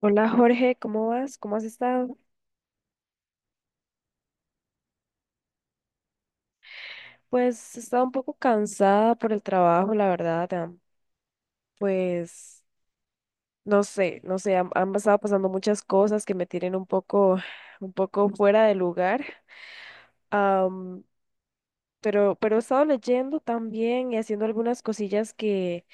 Hola Jorge, ¿cómo vas? ¿Cómo has estado? Pues he estado un poco cansada por el trabajo, la verdad. Pues no sé, no sé, han estado pasando muchas cosas que me tienen un poco fuera de lugar. am, pero he estado leyendo también y haciendo algunas cosillas que,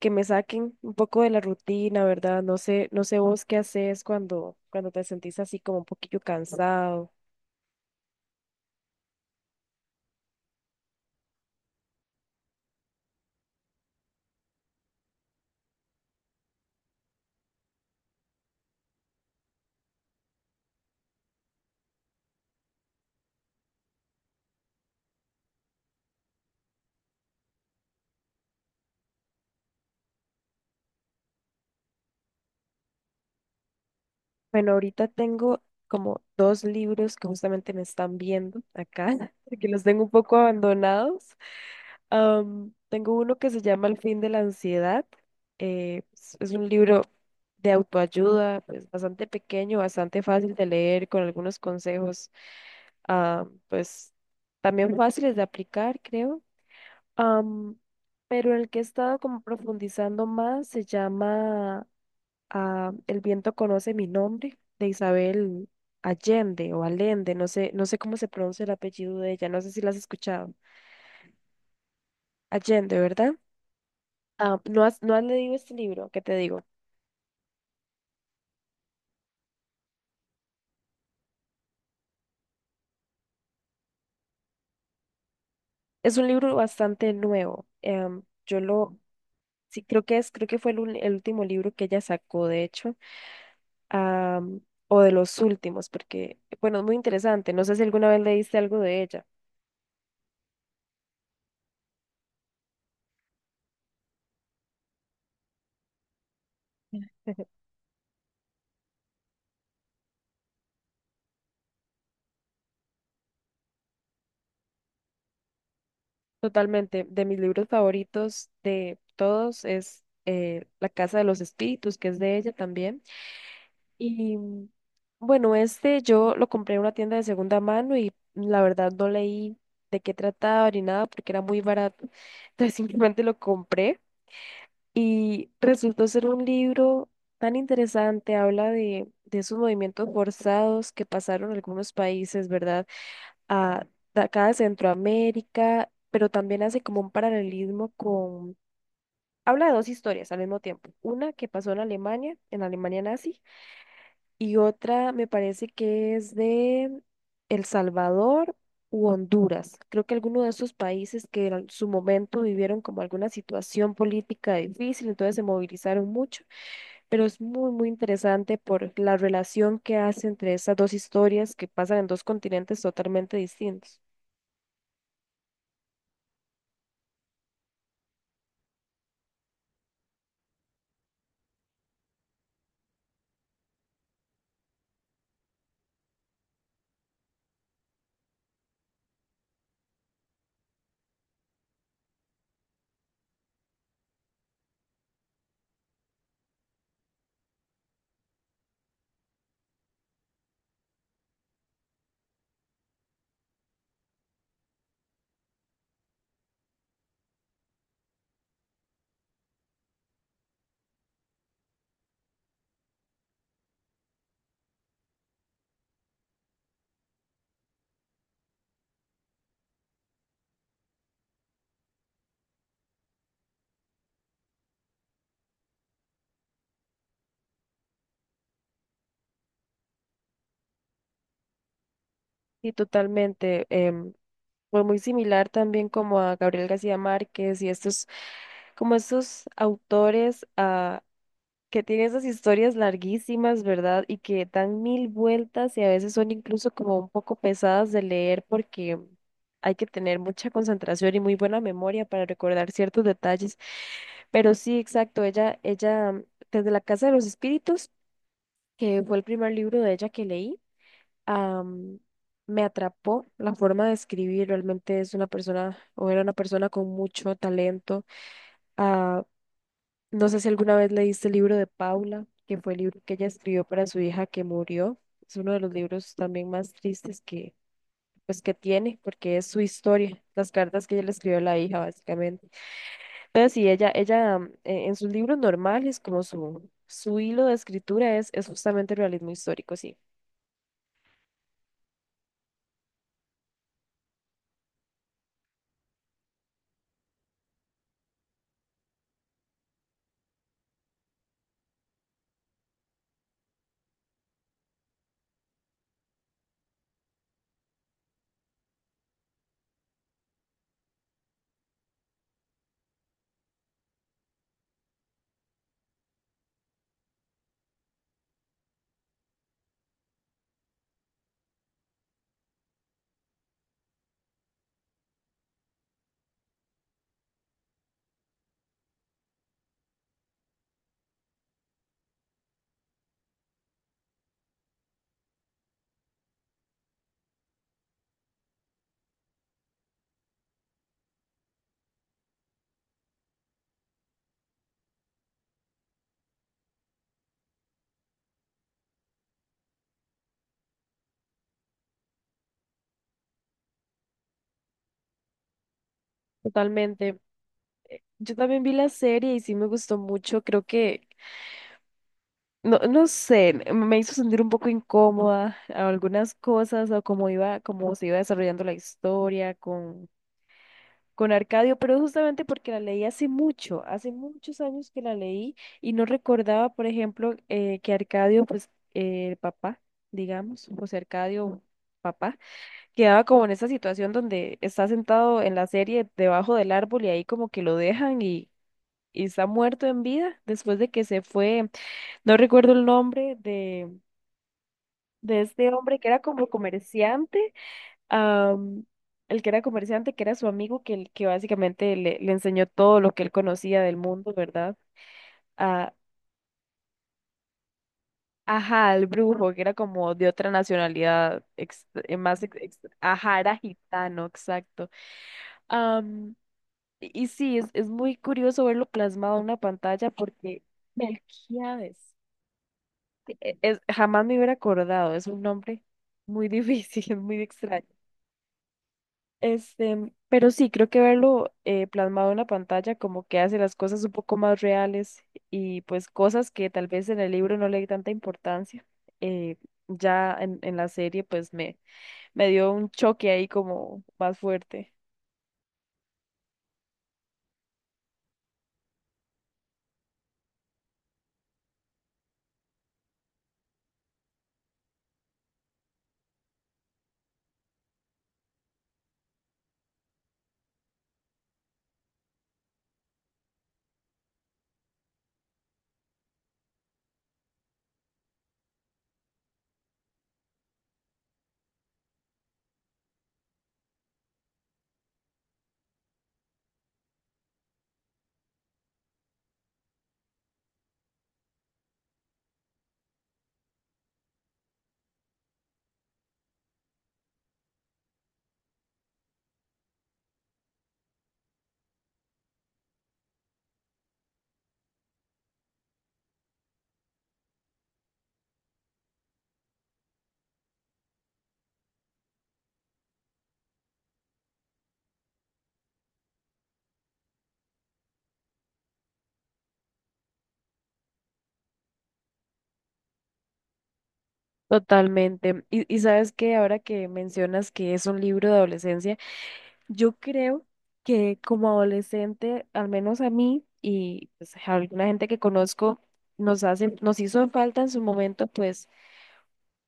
que me saquen un poco de la rutina, ¿verdad? No sé, no sé vos qué haces cuando te sentís así como un poquillo cansado. Bueno, ahorita tengo como dos libros que justamente me están viendo acá, que los tengo un poco abandonados. Tengo uno que se llama El fin de la ansiedad. Es un libro de autoayuda, pues bastante pequeño, bastante fácil de leer, con algunos consejos, pues también fáciles de aplicar, creo. Am, pero el que he estado como profundizando más se llama a El viento conoce mi nombre, de Isabel Allende o Allende, no sé, no sé cómo se pronuncia el apellido de ella, no sé si la has escuchado. Allende, ¿verdad? Ah, ¿no has leído este libro? ¿Qué te digo? Es un libro bastante nuevo. Sí, creo que fue el último libro que ella sacó, de hecho, am, o de los últimos, porque, bueno, es muy interesante. No sé si alguna vez leíste algo de ella. Totalmente. De mis libros favoritos de todos es La Casa de los Espíritus, que es de ella también. Y bueno, este yo lo compré en una tienda de segunda mano y la verdad no leí de qué trataba ni nada porque era muy barato. Entonces simplemente lo compré y resultó ser un libro tan interesante. Habla de esos movimientos forzados que pasaron en algunos países, ¿verdad? a, de acá de Centroamérica, pero también hace como un paralelismo con... Habla de dos historias al mismo tiempo. Una que pasó en Alemania, en la Alemania nazi, y otra me parece que es de El Salvador u Honduras. Creo que alguno de esos países que en su momento vivieron como alguna situación política difícil, entonces se movilizaron mucho, pero es muy, muy interesante por la relación que hace entre esas dos historias que pasan en dos continentes totalmente distintos. Sí, totalmente. Fue muy similar también como a Gabriel García Márquez y estos, como estos autores que tienen esas historias larguísimas, ¿verdad? Y que dan mil vueltas y a veces son incluso como un poco pesadas de leer porque hay que tener mucha concentración y muy buena memoria para recordar ciertos detalles. Pero sí, exacto, desde La Casa de los Espíritus, que fue el primer libro de ella que leí, am, me atrapó la forma de escribir. Realmente es una persona o era una persona con mucho talento. Ah, no sé si alguna vez leíste el libro de Paula, que fue el libro que ella escribió para su hija que murió. Es uno de los libros también más tristes que, pues, que tiene, porque es su historia, las cartas que ella le escribió a la hija, básicamente. Entonces, sí, ella, en sus libros normales, como su hilo de escritura es justamente el realismo histórico, sí. Totalmente. Yo también vi la serie y sí me gustó mucho. Creo que, no, no sé, me hizo sentir un poco incómoda a algunas cosas o cómo iba, cómo se iba desarrollando la historia con Arcadio, pero justamente porque la leí hace mucho, hace muchos años que la leí y no recordaba, por ejemplo, que Arcadio, pues, el papá, digamos, José Arcadio, papá, quedaba como en esa situación donde está sentado en la serie debajo del árbol y ahí como que lo dejan, y está muerto en vida después de que se fue, no recuerdo el nombre de este hombre que era como comerciante, am, el que era comerciante, que era su amigo, que básicamente le enseñó todo lo que él conocía del mundo, ¿verdad? A, ajá, al brujo, que era como de otra nacionalidad, ajá, era gitano, exacto. Am, y sí, es muy curioso verlo plasmado en una pantalla porque... Melquíades. Jamás me hubiera acordado, es un nombre muy difícil, muy extraño. Este, pero sí, creo que verlo plasmado en la pantalla como que hace las cosas un poco más reales y pues cosas que tal vez en el libro no le di tanta importancia. eh, ya en la serie pues me dio un choque ahí como más fuerte. Totalmente. Y sabes que ahora que mencionas que es un libro de adolescencia, yo creo que como adolescente, al menos a mí y pues, a alguna gente que conozco, nos hizo falta en su momento pues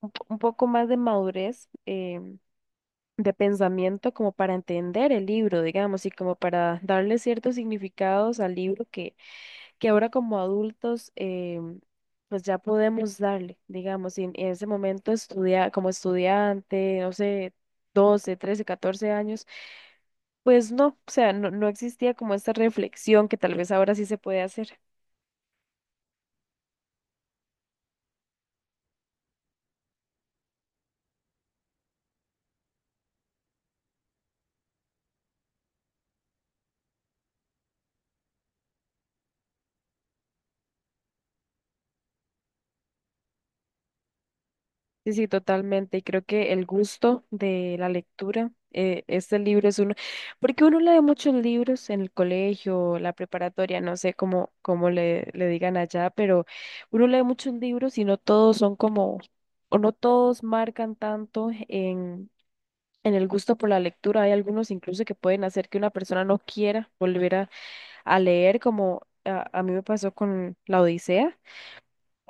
un poco más de madurez de pensamiento como para entender el libro, digamos, y como para darle ciertos significados al libro que ahora como adultos pues ya podemos darle, digamos, y en ese momento como estudiante, no sé, 12, 13, 14 años, pues no, o sea, no existía como esta reflexión que tal vez ahora sí se puede hacer. Sí, sí, totalmente. Y creo que el gusto de la lectura, este libro es uno, porque uno lee muchos libros en el colegio, la preparatoria, no sé cómo le digan allá, pero uno lee muchos libros y no todos son como, o no todos marcan tanto en el gusto por la lectura. Hay algunos incluso que pueden hacer que una persona no quiera volver a leer, como a mí me pasó con La Odisea.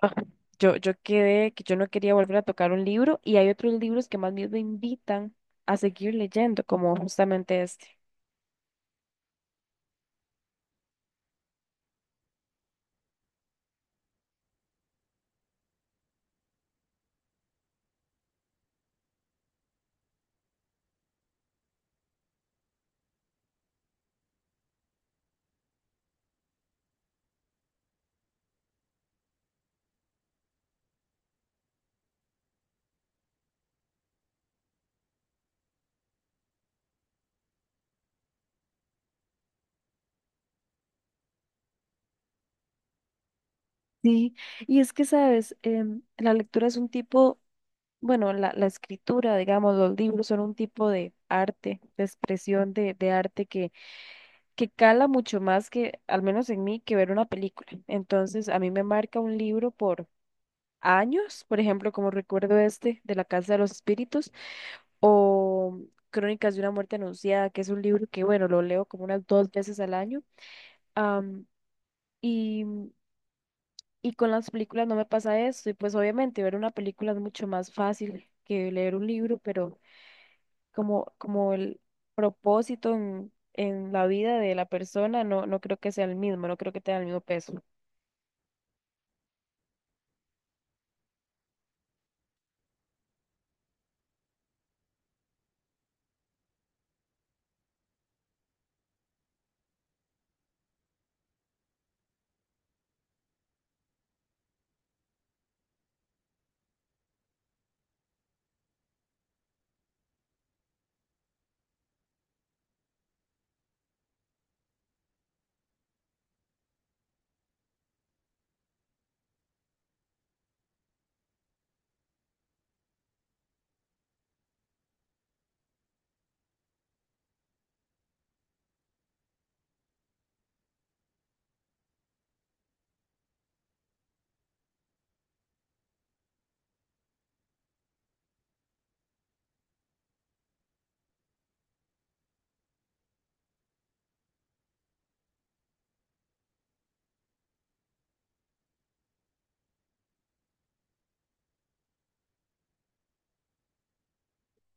Ajá. Yo quedé que yo no quería volver a tocar un libro, y hay otros libros que más bien me invitan a seguir leyendo, como justamente este. Sí, y es que, sabes, la lectura es un tipo, bueno, la escritura, digamos, los libros son un tipo de arte, de expresión de arte que cala mucho más que, al menos en mí, que ver una película. Entonces, a mí me marca un libro años, por ejemplo, como recuerdo este de La Casa de los Espíritus, o Crónicas de una muerte anunciada, que es un libro que, bueno, lo leo como unas dos veces al año. am, y, y con las películas no me pasa esto, y pues obviamente ver una película es mucho más fácil que leer un libro, pero como el propósito en la vida de la persona, no, no creo que sea el mismo, no creo que tenga el mismo peso.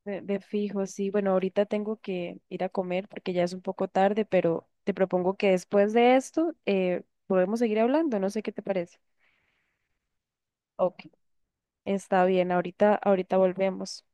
De fijo, sí. Bueno, ahorita tengo que ir a comer porque ya es un poco tarde, pero te propongo que después de esto podemos seguir hablando. No sé qué te parece. Ok. Está bien, ahorita, ahorita volvemos.